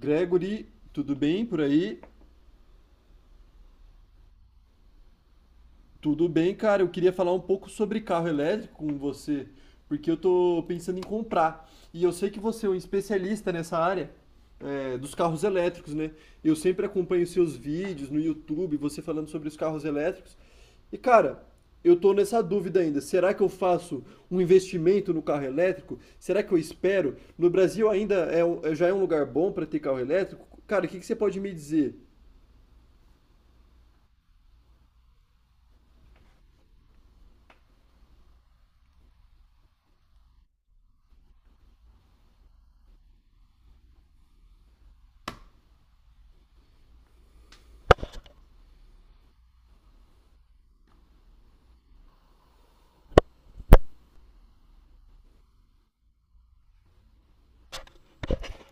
Gregory, tudo bem por aí? Tudo bem, cara. Eu queria falar um pouco sobre carro elétrico com você, porque eu tô pensando em comprar. E eu sei que você é um especialista nessa área, dos carros elétricos, né? Eu sempre acompanho seus vídeos no YouTube, você falando sobre os carros elétricos. E, cara, eu tô nessa dúvida ainda. Será que eu faço um investimento no carro elétrico? Será que eu espero? No Brasil ainda já é um lugar bom para ter carro elétrico? Cara, o que que você pode me dizer?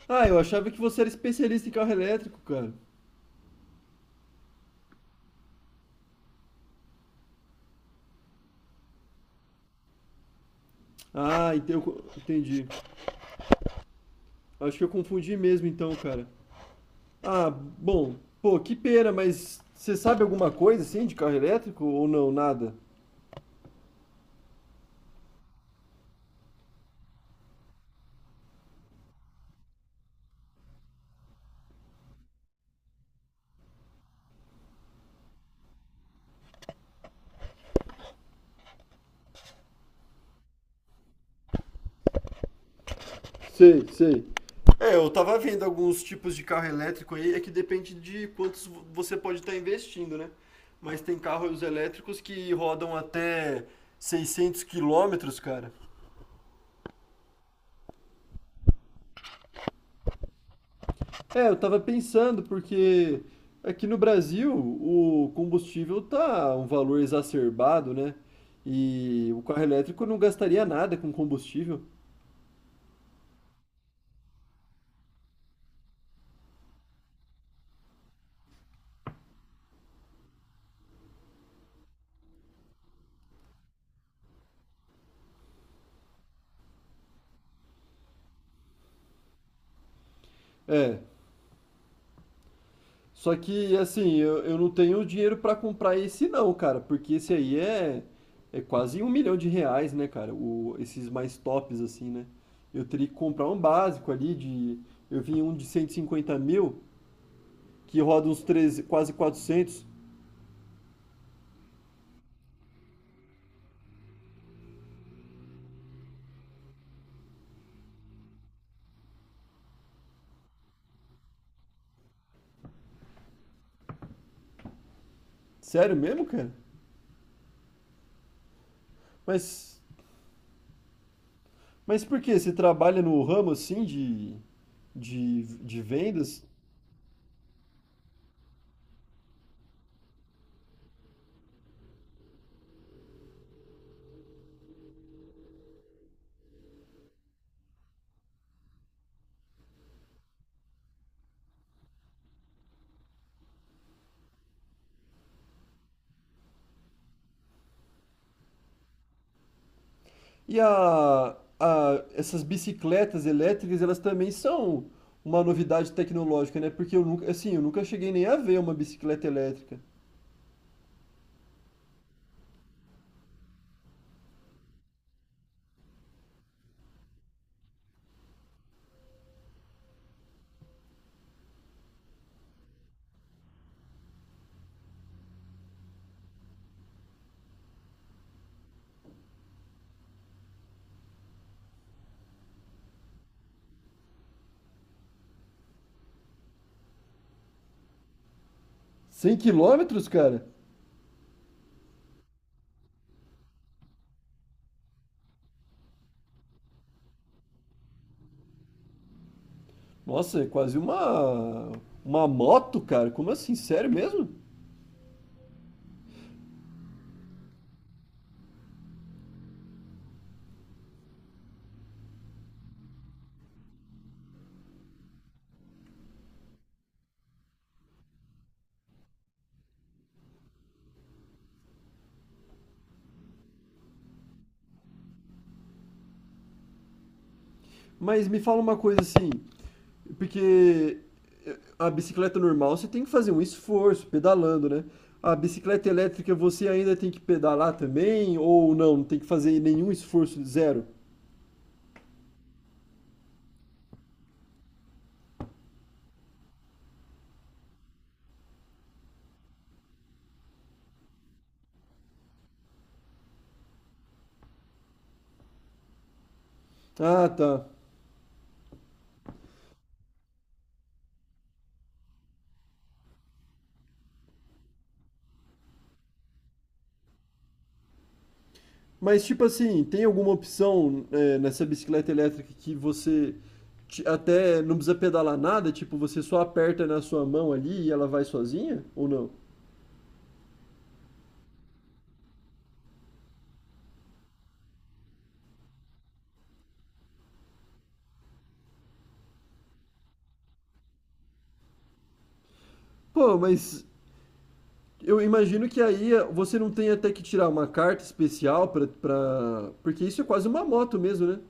Ah, eu achava que você era especialista em carro elétrico, cara. Ah, entendi. Acho que eu confundi mesmo então, cara. Ah, bom, pô, que pena, mas você sabe alguma coisa assim de carro elétrico ou não, nada? Sei, sei. É, eu tava vendo alguns tipos de carro elétrico aí, é que depende de você pode estar investindo, né? Mas tem carros elétricos que rodam até 600 quilômetros, cara. É, eu tava pensando, porque aqui no Brasil o combustível tá um valor exacerbado, né? E o carro elétrico não gastaria nada com combustível. É, só que assim, eu não tenho dinheiro pra comprar esse não, cara, porque é quase um milhão de reais, né, cara? O, esses mais tops, assim, né? Eu teria que comprar um básico ali de. Eu vi um de cento e cinquenta mil, que roda uns 13, quase quatrocentos. Sério mesmo, cara? Mas. Mas por quê? Você trabalha no ramo assim de vendas? E essas bicicletas elétricas, elas também são uma novidade tecnológica, né? Porque eu nunca, assim, eu nunca cheguei nem a ver uma bicicleta elétrica. Cem quilômetros, cara? Nossa, é quase uma moto, cara. Como assim? Sério mesmo? Mas me fala uma coisa assim, porque a bicicleta normal você tem que fazer um esforço pedalando, né? A bicicleta elétrica você ainda tem que pedalar também ou não? Não tem que fazer nenhum esforço, zero? Ah, tá. Mas tipo assim, tem alguma opção nessa bicicleta elétrica que até não precisa pedalar nada? Tipo, você só aperta na sua mão ali e ela vai sozinha? Ou não? Pô, mas eu imagino que aí você não tem até que tirar uma carta especial pra, pra... Porque isso é quase uma moto mesmo, né?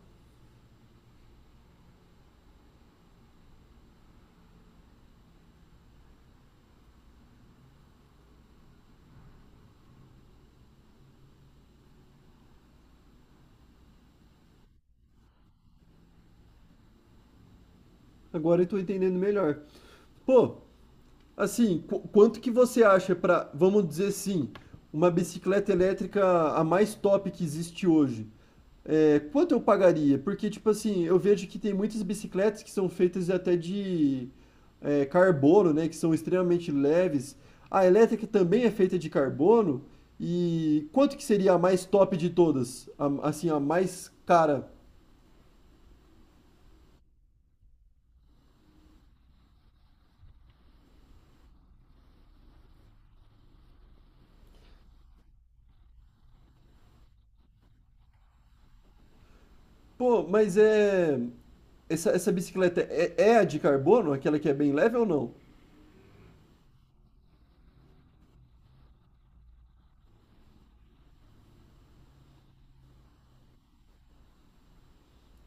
Agora eu tô entendendo melhor. Pô, assim, quanto que você acha para, vamos dizer assim, uma bicicleta elétrica a mais top que existe hoje? É, quanto eu pagaria? Porque, tipo assim, eu vejo que tem muitas bicicletas que são feitas até de carbono, né? Que são extremamente leves. A elétrica também é feita de carbono. E quanto que seria a mais top de todas? Assim, a mais cara? Pô, mas é. Essa bicicleta é a de carbono? Aquela que é bem leve ou não?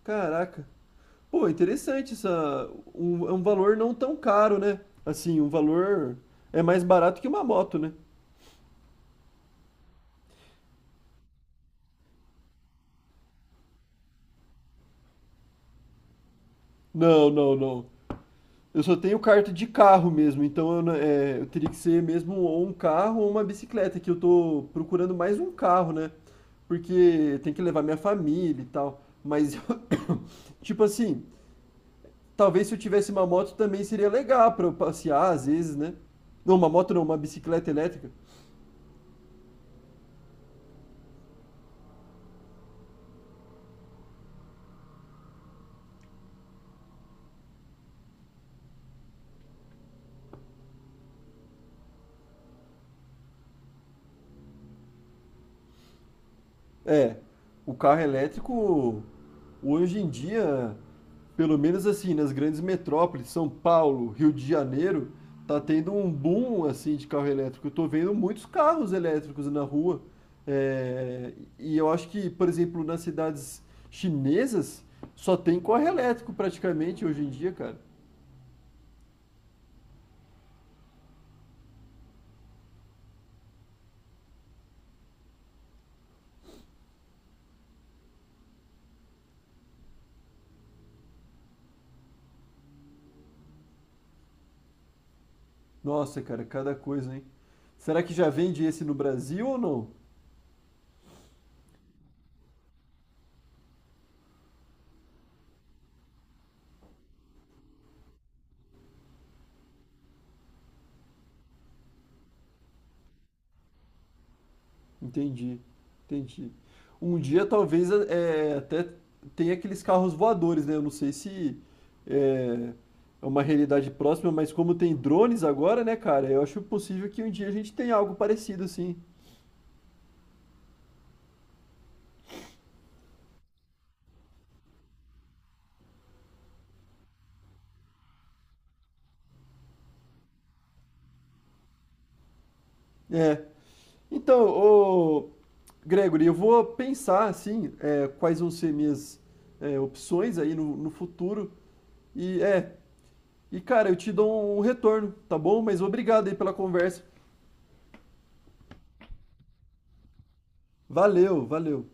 Caraca. Pô, interessante essa. Um, é um valor não tão caro, né? Assim, um valor é mais barato que uma moto, né? Não, não, não. Eu só tenho carta de carro mesmo, então eu, não- é, eu teria que ser mesmo ou um carro ou uma bicicleta, que eu tô procurando mais um carro, né? Porque tem que levar minha família e tal. Mas, tipo assim, talvez se eu tivesse uma moto também seria legal pra eu passear às vezes, né? Não, uma moto não, uma bicicleta elétrica. É, o carro elétrico hoje em dia, pelo menos assim, nas grandes metrópoles, São Paulo, Rio de Janeiro, tá tendo um boom assim de carro elétrico. Eu tô vendo muitos carros elétricos na rua. É, e eu acho que, por exemplo, nas cidades chinesas, só tem carro elétrico praticamente hoje em dia, cara. Nossa, cara, cada coisa, hein? Será que já vende esse no Brasil ou não? Entendi, entendi. Um dia talvez até tenha aqueles carros voadores, né? Eu não sei se eh, é uma realidade próxima, mas como tem drones agora, né, cara? Eu acho possível que um dia a gente tenha algo parecido, assim. É. Então, ô, Gregory, eu vou pensar, assim, quais vão ser minhas opções aí no futuro. E, é, e, cara, eu te dou um retorno, tá bom? Mas obrigado aí pela conversa. Valeu, valeu.